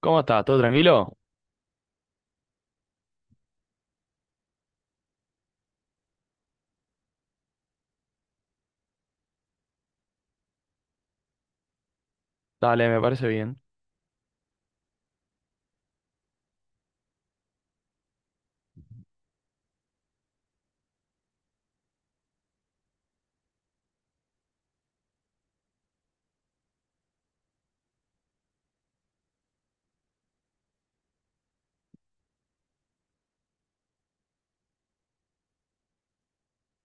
¿Cómo estás? ¿Todo tranquilo? Dale, me parece bien.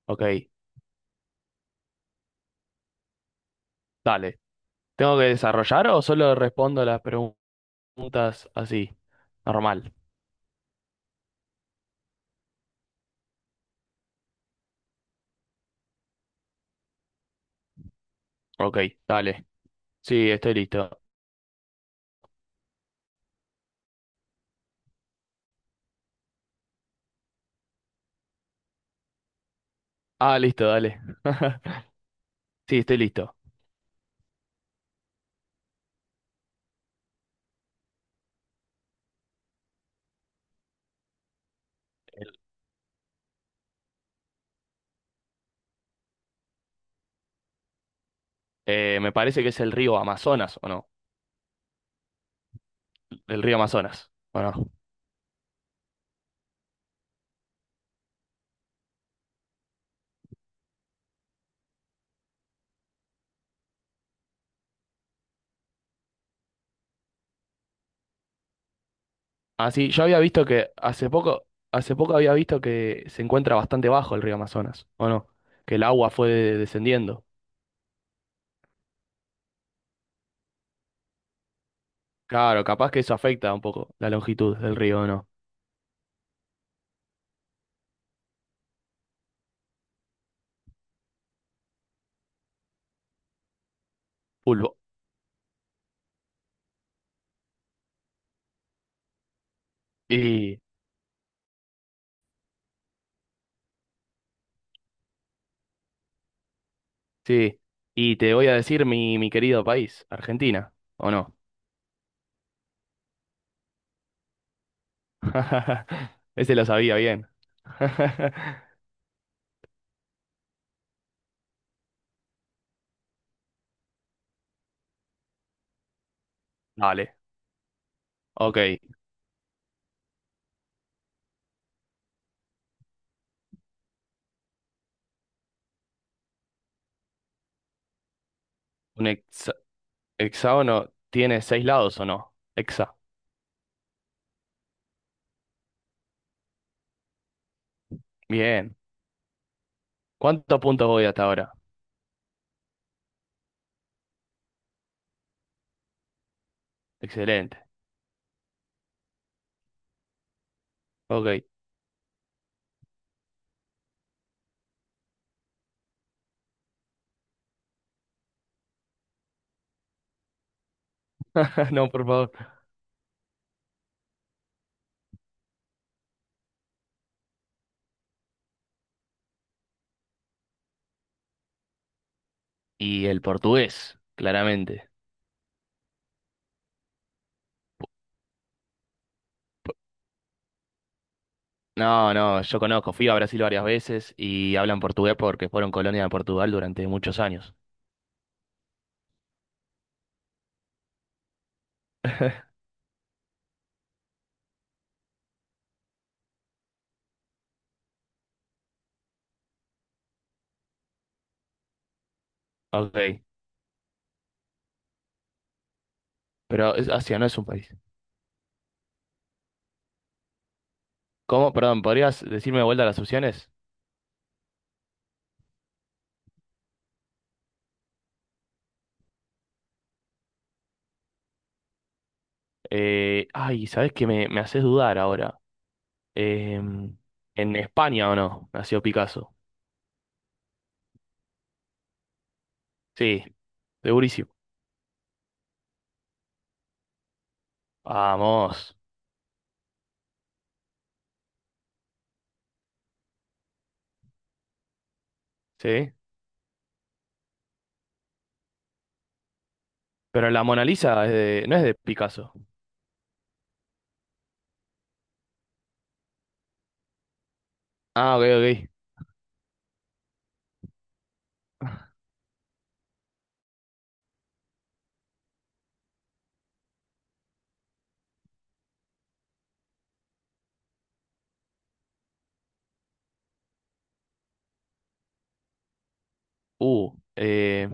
Ok, dale. ¿Tengo que desarrollar o solo respondo las preguntas así? Normal. Ok, dale. Sí, estoy listo. Ah, listo, dale. Sí, estoy listo. Me parece que es el río Amazonas, ¿o no? El río Amazonas, ¿o no? Así, yo había visto que hace poco había visto que se encuentra bastante bajo el río Amazonas, ¿o no? Que el agua fue descendiendo. Claro, capaz que eso afecta un poco la longitud del río, ¿o no? Pulvo. Y sí, y te voy a decir mi querido país, Argentina, ¿o no? Ese lo sabía bien. Dale, ok. ¿Un hexágono tiene seis lados o no? Hexa. Bien. ¿Cuántos puntos voy hasta ahora? Excelente. Ok. No, por favor. Y el portugués, claramente. No, no, yo conozco, fui a Brasil varias veces y hablan portugués porque fueron colonia de Portugal durante muchos años. Ok, pero Asia no es un país. ¿Cómo? Perdón, ¿podrías decirme de vuelta las opciones? Ay, ¿sabes qué? Me haces dudar ahora. Em, ¿En España o no? Nació Picasso. Sí, segurísimo. Vamos, ¿sí? Pero la Mona Lisa no es de Picasso. Ah, ok, ok. Uh, eh,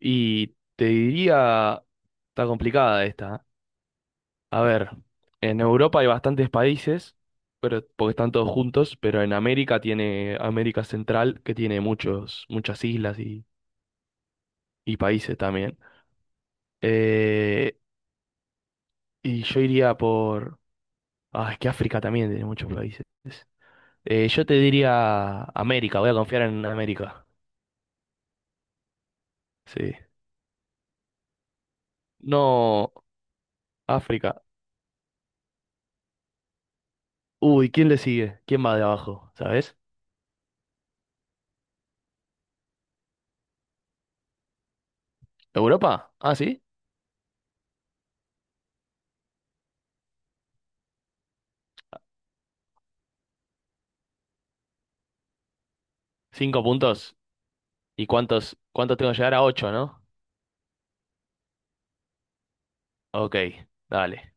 y te diría, está complicada esta, ¿eh? A ver, en Europa hay bastantes países, pero porque están todos juntos, pero en América tiene América Central, que tiene muchos, muchas islas y países también. Eh, y yo iría por... Ah, es que África también tiene muchos países. Yo te diría América, voy a confiar en América. Sí. No, África. Uy, ¿quién le sigue? ¿Quién va de abajo? ¿Sabes? ¿Europa? Ah, sí. Cinco puntos. ¿Y cuántos tengo que llegar a ocho, no? Ok, dale.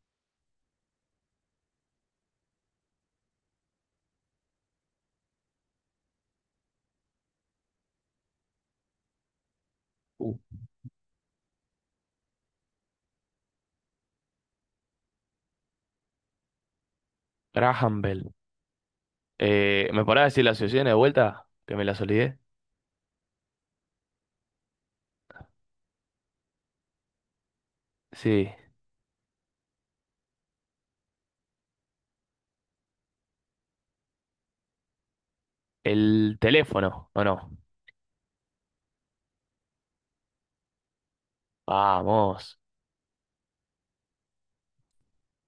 Uh, Graham Bell. ¿Me podrás decir la asociación de vuelta? Que me las olvidé. Sí. El teléfono, ¿o no? Vamos.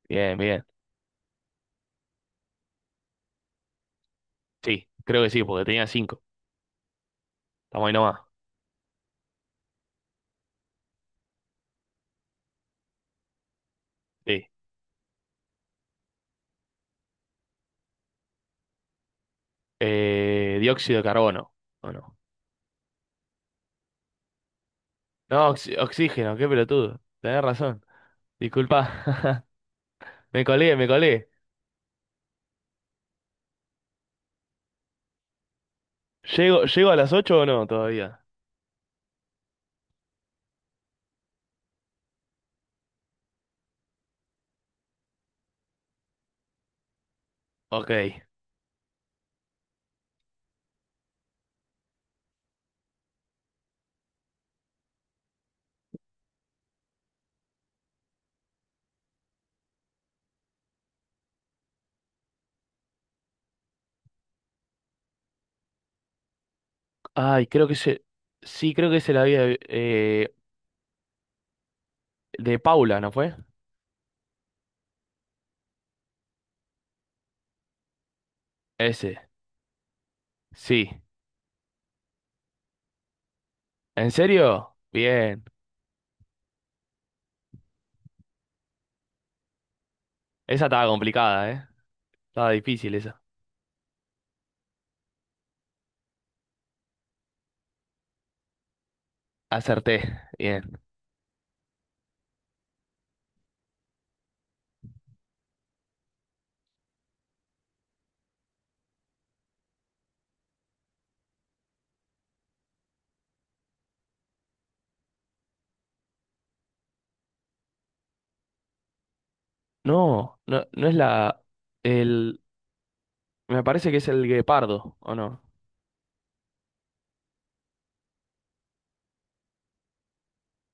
Bien, bien. Sí, creo que sí, porque tenía cinco. Estamos ahí nomás. Sí. Dióxido de carbono, ¿o no? No, oxígeno, qué pelotudo. Tenés razón. Disculpa. Me colé, me colé. ¿Llego a las ocho o no todavía? Ok. Ay, creo que se. Sí, creo que se la había. eh, de Paula, ¿no fue? Ese. Sí. ¿En serio? Bien. Esa estaba complicada, ¿eh? Estaba difícil esa. Acerté. Bien. No, no, no es la. El. Me parece que es el guepardo, ¿o no?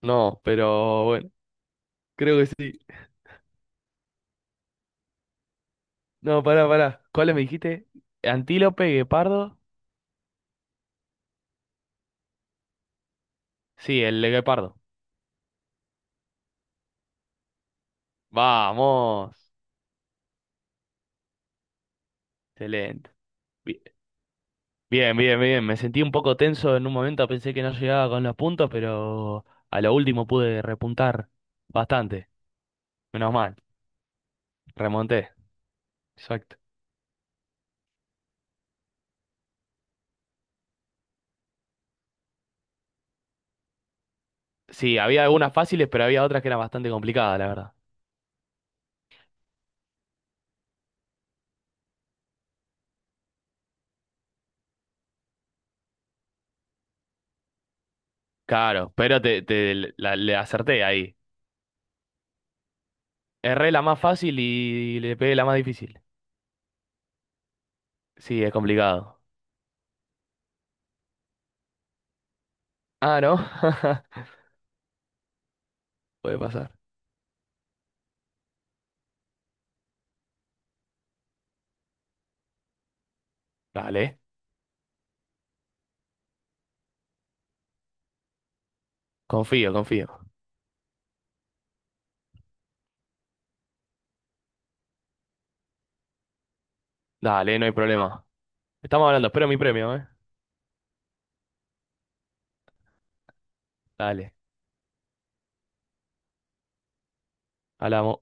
No, pero bueno. Creo que sí. No, pará, pará. ¿Cuál me dijiste? ¿Antílope, guepardo? Sí, el guepardo. Vamos. Excelente. Bien, bien, bien. Me sentí un poco tenso en un momento, pensé que no llegaba con los puntos, pero a lo último pude repuntar bastante. Menos mal, remonté. Exacto. Sí, había algunas fáciles, pero había otras que eran bastante complicadas, la verdad. Claro, pero te le acerté ahí. Erré la más fácil y le pegué la más difícil. Sí, es complicado. Ah, ¿no? Puede pasar. Dale, confío, confío. Dale, no hay problema. Estamos hablando, espero mi premio, ¿eh? Dale, hablamos.